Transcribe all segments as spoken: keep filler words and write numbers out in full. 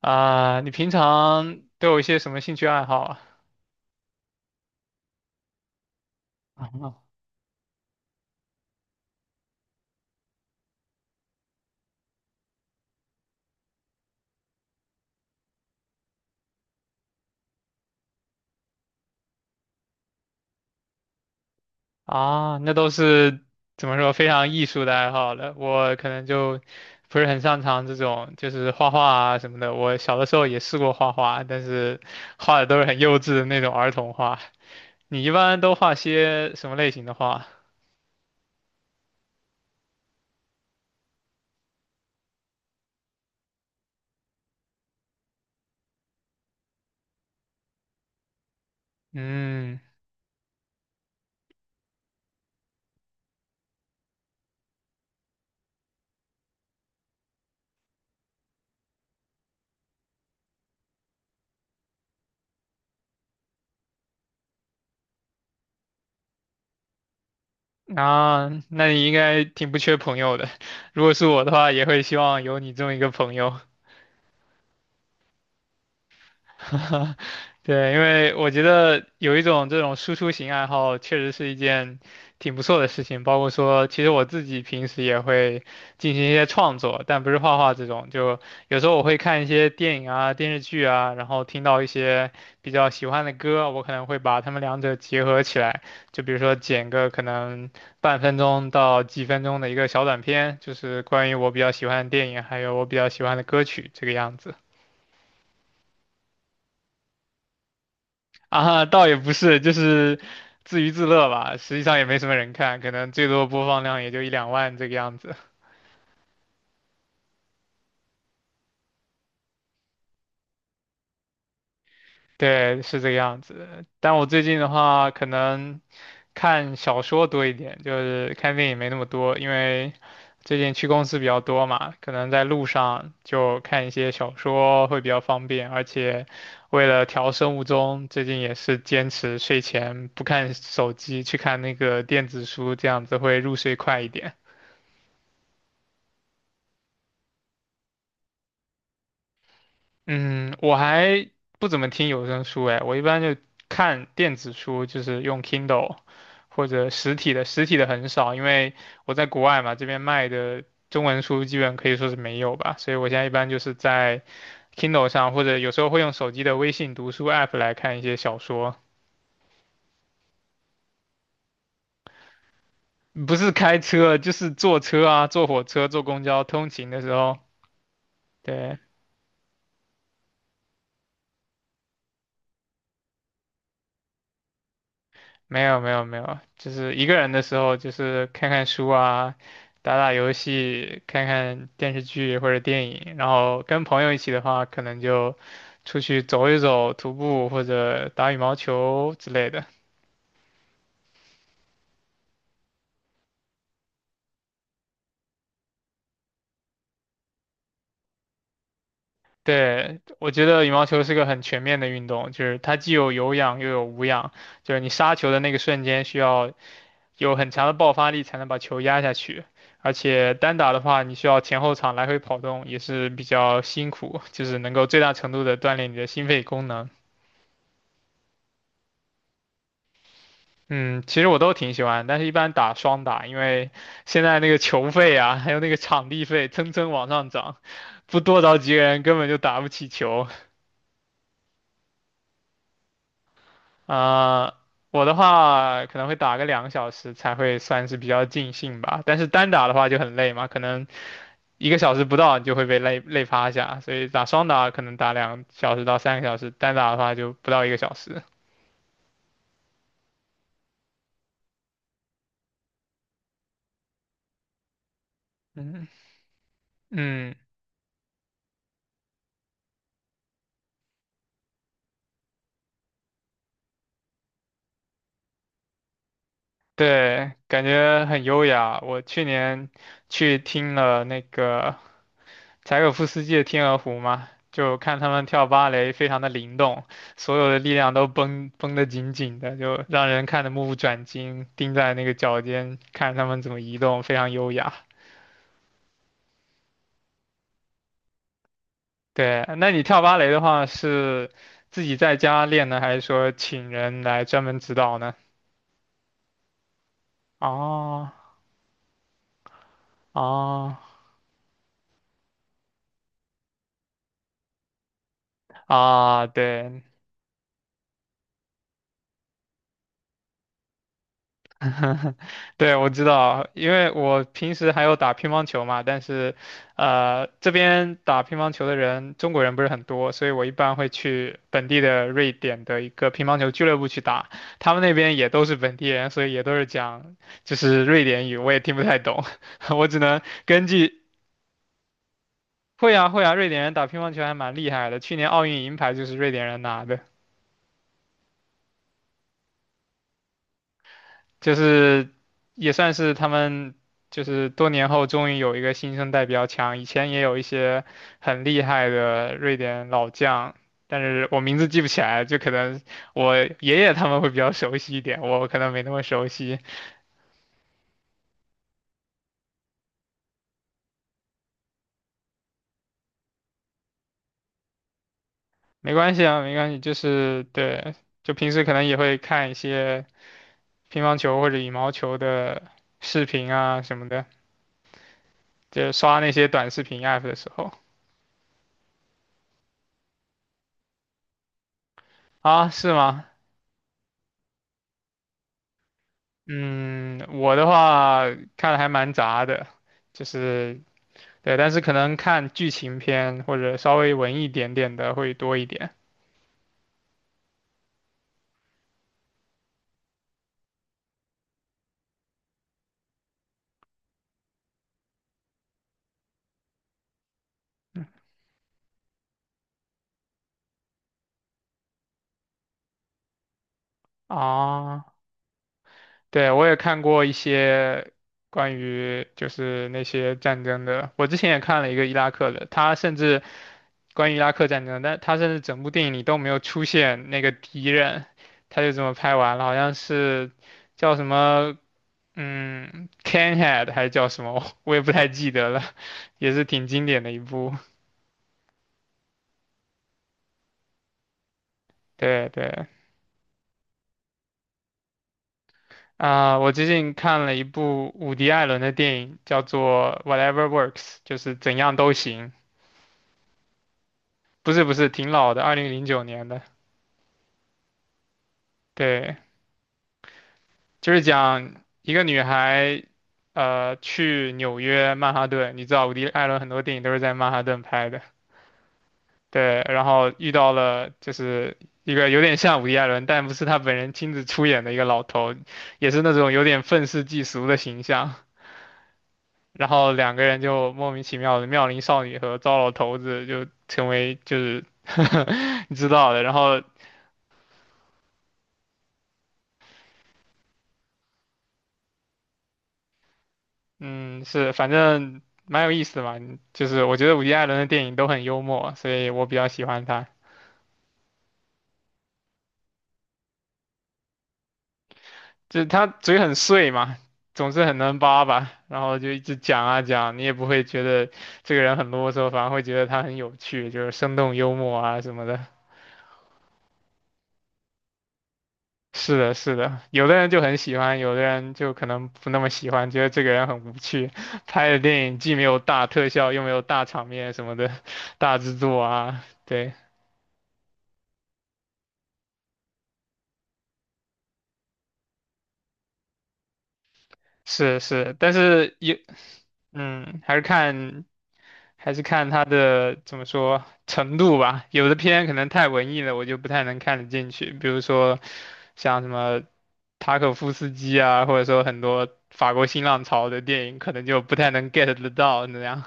啊，你平常都有一些什么兴趣爱好啊？啊，啊那都是怎么说非常艺术的爱好了。我可能就不是很擅长这种，就是画画啊什么的。我小的时候也试过画画，但是画的都是很幼稚的那种儿童画。你一般都画些什么类型的画？嗯，啊，那你应该挺不缺朋友的。如果是我的话，也会希望有你这么一个朋友。对，因为我觉得有一种这种输出型爱好，确实是一件挺不错的事情。包括说，其实我自己平时也会进行一些创作，但不是画画这种。就有时候我会看一些电影啊、电视剧啊，然后听到一些比较喜欢的歌，我可能会把它们两者结合起来。就比如说剪个可能半分钟到几分钟的一个小短片，就是关于我比较喜欢的电影，还有我比较喜欢的歌曲这个样子。啊，倒也不是，就是自娱自乐吧。实际上也没什么人看，可能最多播放量也就一两万这个样子。对，是这个样子的。但我最近的话，可能看小说多一点，就是看电影没那么多，因为最近去公司比较多嘛，可能在路上就看一些小说会比较方便。而且为了调生物钟，最近也是坚持睡前不看手机，去看那个电子书，这样子会入睡快一点。嗯，我还不怎么听有声书哎，我一般就看电子书，就是用 Kindle 或者实体的，实体的很少，因为我在国外嘛，这边卖的中文书基本可以说是没有吧，所以我现在一般就是在 Kindle 上，或者有时候会用手机的微信读书 app 来看一些小说，不是开车，就是坐车啊，坐火车、坐公交通勤的时候，对。没有没有没有，就是一个人的时候，就是看看书啊，打打游戏，看看电视剧或者电影。然后跟朋友一起的话，可能就出去走一走，徒步或者打羽毛球之类的。对，我觉得羽毛球是个很全面的运动，就是它既有有氧又有无氧，就是你杀球的那个瞬间需要有很强的爆发力才能把球压下去。而且单打的话，你需要前后场来回跑动，也是比较辛苦，就是能够最大程度的锻炼你的心肺功能。嗯，其实我都挺喜欢，但是一般打双打，因为现在那个球费啊，还有那个场地费蹭蹭往上涨，不多找几个人根本就打不起球。啊、我的话可能会打个两个小时才会算是比较尽兴吧，但是单打的话就很累嘛，可能一个小时不到你就会被累累趴下，所以打双打可能打两小时到三个小时，单打的话就不到一个小时。嗯嗯，对，感觉很优雅。我去年去听了那个柴可夫斯基的《天鹅湖》嘛，就看他们跳芭蕾，非常的灵动，所有的力量都绷绷得紧紧的，就让人看得目不转睛，盯在那个脚尖看他们怎么移动，非常优雅。对，那你跳芭蕾的话是自己在家练呢，还是说请人来专门指导呢？哦哦啊，对对，我知道，因为我平时还有打乒乓球嘛，但是呃，这边打乒乓球的人，中国人不是很多，所以我一般会去本地的瑞典的一个乒乓球俱乐部去打，他们那边也都是本地人，所以也都是讲就是瑞典语，我也听不太懂，我只能根据。会啊会啊，瑞典人打乒乓球还蛮厉害的，去年奥运银牌就是瑞典人拿的，就是也算是他们就是多年后终于有一个新生代比较强，以前也有一些很厉害的瑞典老将，但是我名字记不起来，就可能我爷爷他们会比较熟悉一点，我可能没那么熟悉，没关系啊，没关系，就是对，就平时可能也会看一些乒乓球或者羽毛球的视频啊什么的。就刷那些短视频 app 的时候啊，是吗？嗯，我的话看的还蛮杂的，就是对，但是可能看剧情片或者稍微文艺一点点的会多一点啊。对，我也看过一些关于就是那些战争的，我之前也看了一个伊拉克的，他甚至关于伊拉克战争，但他甚至整部电影里都没有出现那个敌人，他就这么拍完了，好像是叫什么嗯 c a n h e a d 还叫什么？我也不太记得了，也是挺经典的一部。对对啊、我最近看了一部伍迪·艾伦的电影，叫做《Whatever Works》，就是怎样都行。不是不是，挺老的，二零零九年的。对，就是讲一个女孩，呃，去纽约曼哈顿。你知道伍迪·艾伦很多电影都是在曼哈顿拍的。对，然后遇到了就是一个有点像伍迪·艾伦，但不是他本人亲自出演的一个老头，也是那种有点愤世嫉俗的形象。然后两个人就莫名其妙的妙龄少女和糟老头子就成为就是 你知道的。然后嗯，是反正蛮有意思的嘛，就是我觉得伍迪·艾伦的电影都很幽默，所以我比较喜欢他。就是他嘴很碎嘛，总是很能叭叭，然后就一直讲啊讲，你也不会觉得这个人很啰嗦，反而会觉得他很有趣，就是生动幽默啊什么的。是的，是的，有的人就很喜欢，有的人就可能不那么喜欢，觉得这个人很无趣，拍的电影既没有大特效，又没有大场面什么的，大制作啊，对，是是，但是也，嗯，还是看。还是看它的怎么说程度吧。有的片可能太文艺了，我就不太能看得进去。比如说像什么塔可夫斯基啊，或者说很多法国新浪潮的电影，可能就不太能 get 得到那样。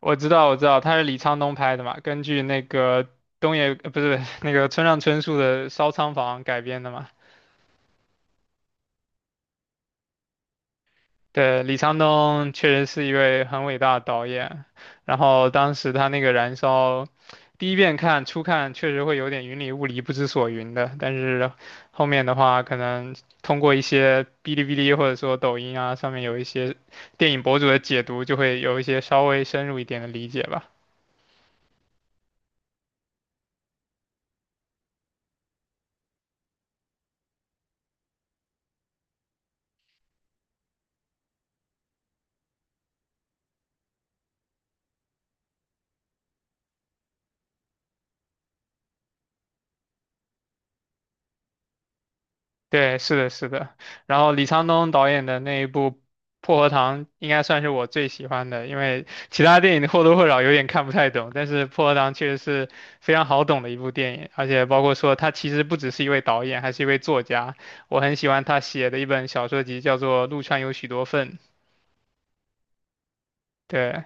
我知道，我知道，他是李沧东拍的嘛，根据那个东野，呃不是那个村上春树的《烧仓房》改编的嘛。对，李沧东确实是一位很伟大的导演，然后当时他那个《燃烧》，第一遍看初看确实会有点云里雾里、不知所云的，但是后面的话，可能通过一些哔哩哔哩或者说抖音啊上面有一些电影博主的解读，就会有一些稍微深入一点的理解吧。对，是的，是的。然后李沧东导演的那一部《薄荷糖》应该算是我最喜欢的，因为其他电影或多或少有点看不太懂，但是《薄荷糖》确实是非常好懂的一部电影，而且包括说他其实不只是一位导演，还是一位作家。我很喜欢他写的一本小说集，叫做《陆川有许多份》。对，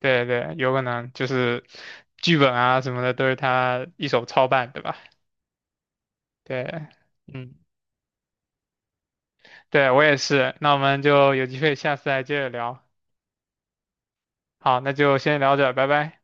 对，对，有可能就是剧本啊什么的都是他一手操办，对吧？对，嗯，对，我也是。那我们就有机会下次再接着聊。好，那就先聊着，拜拜。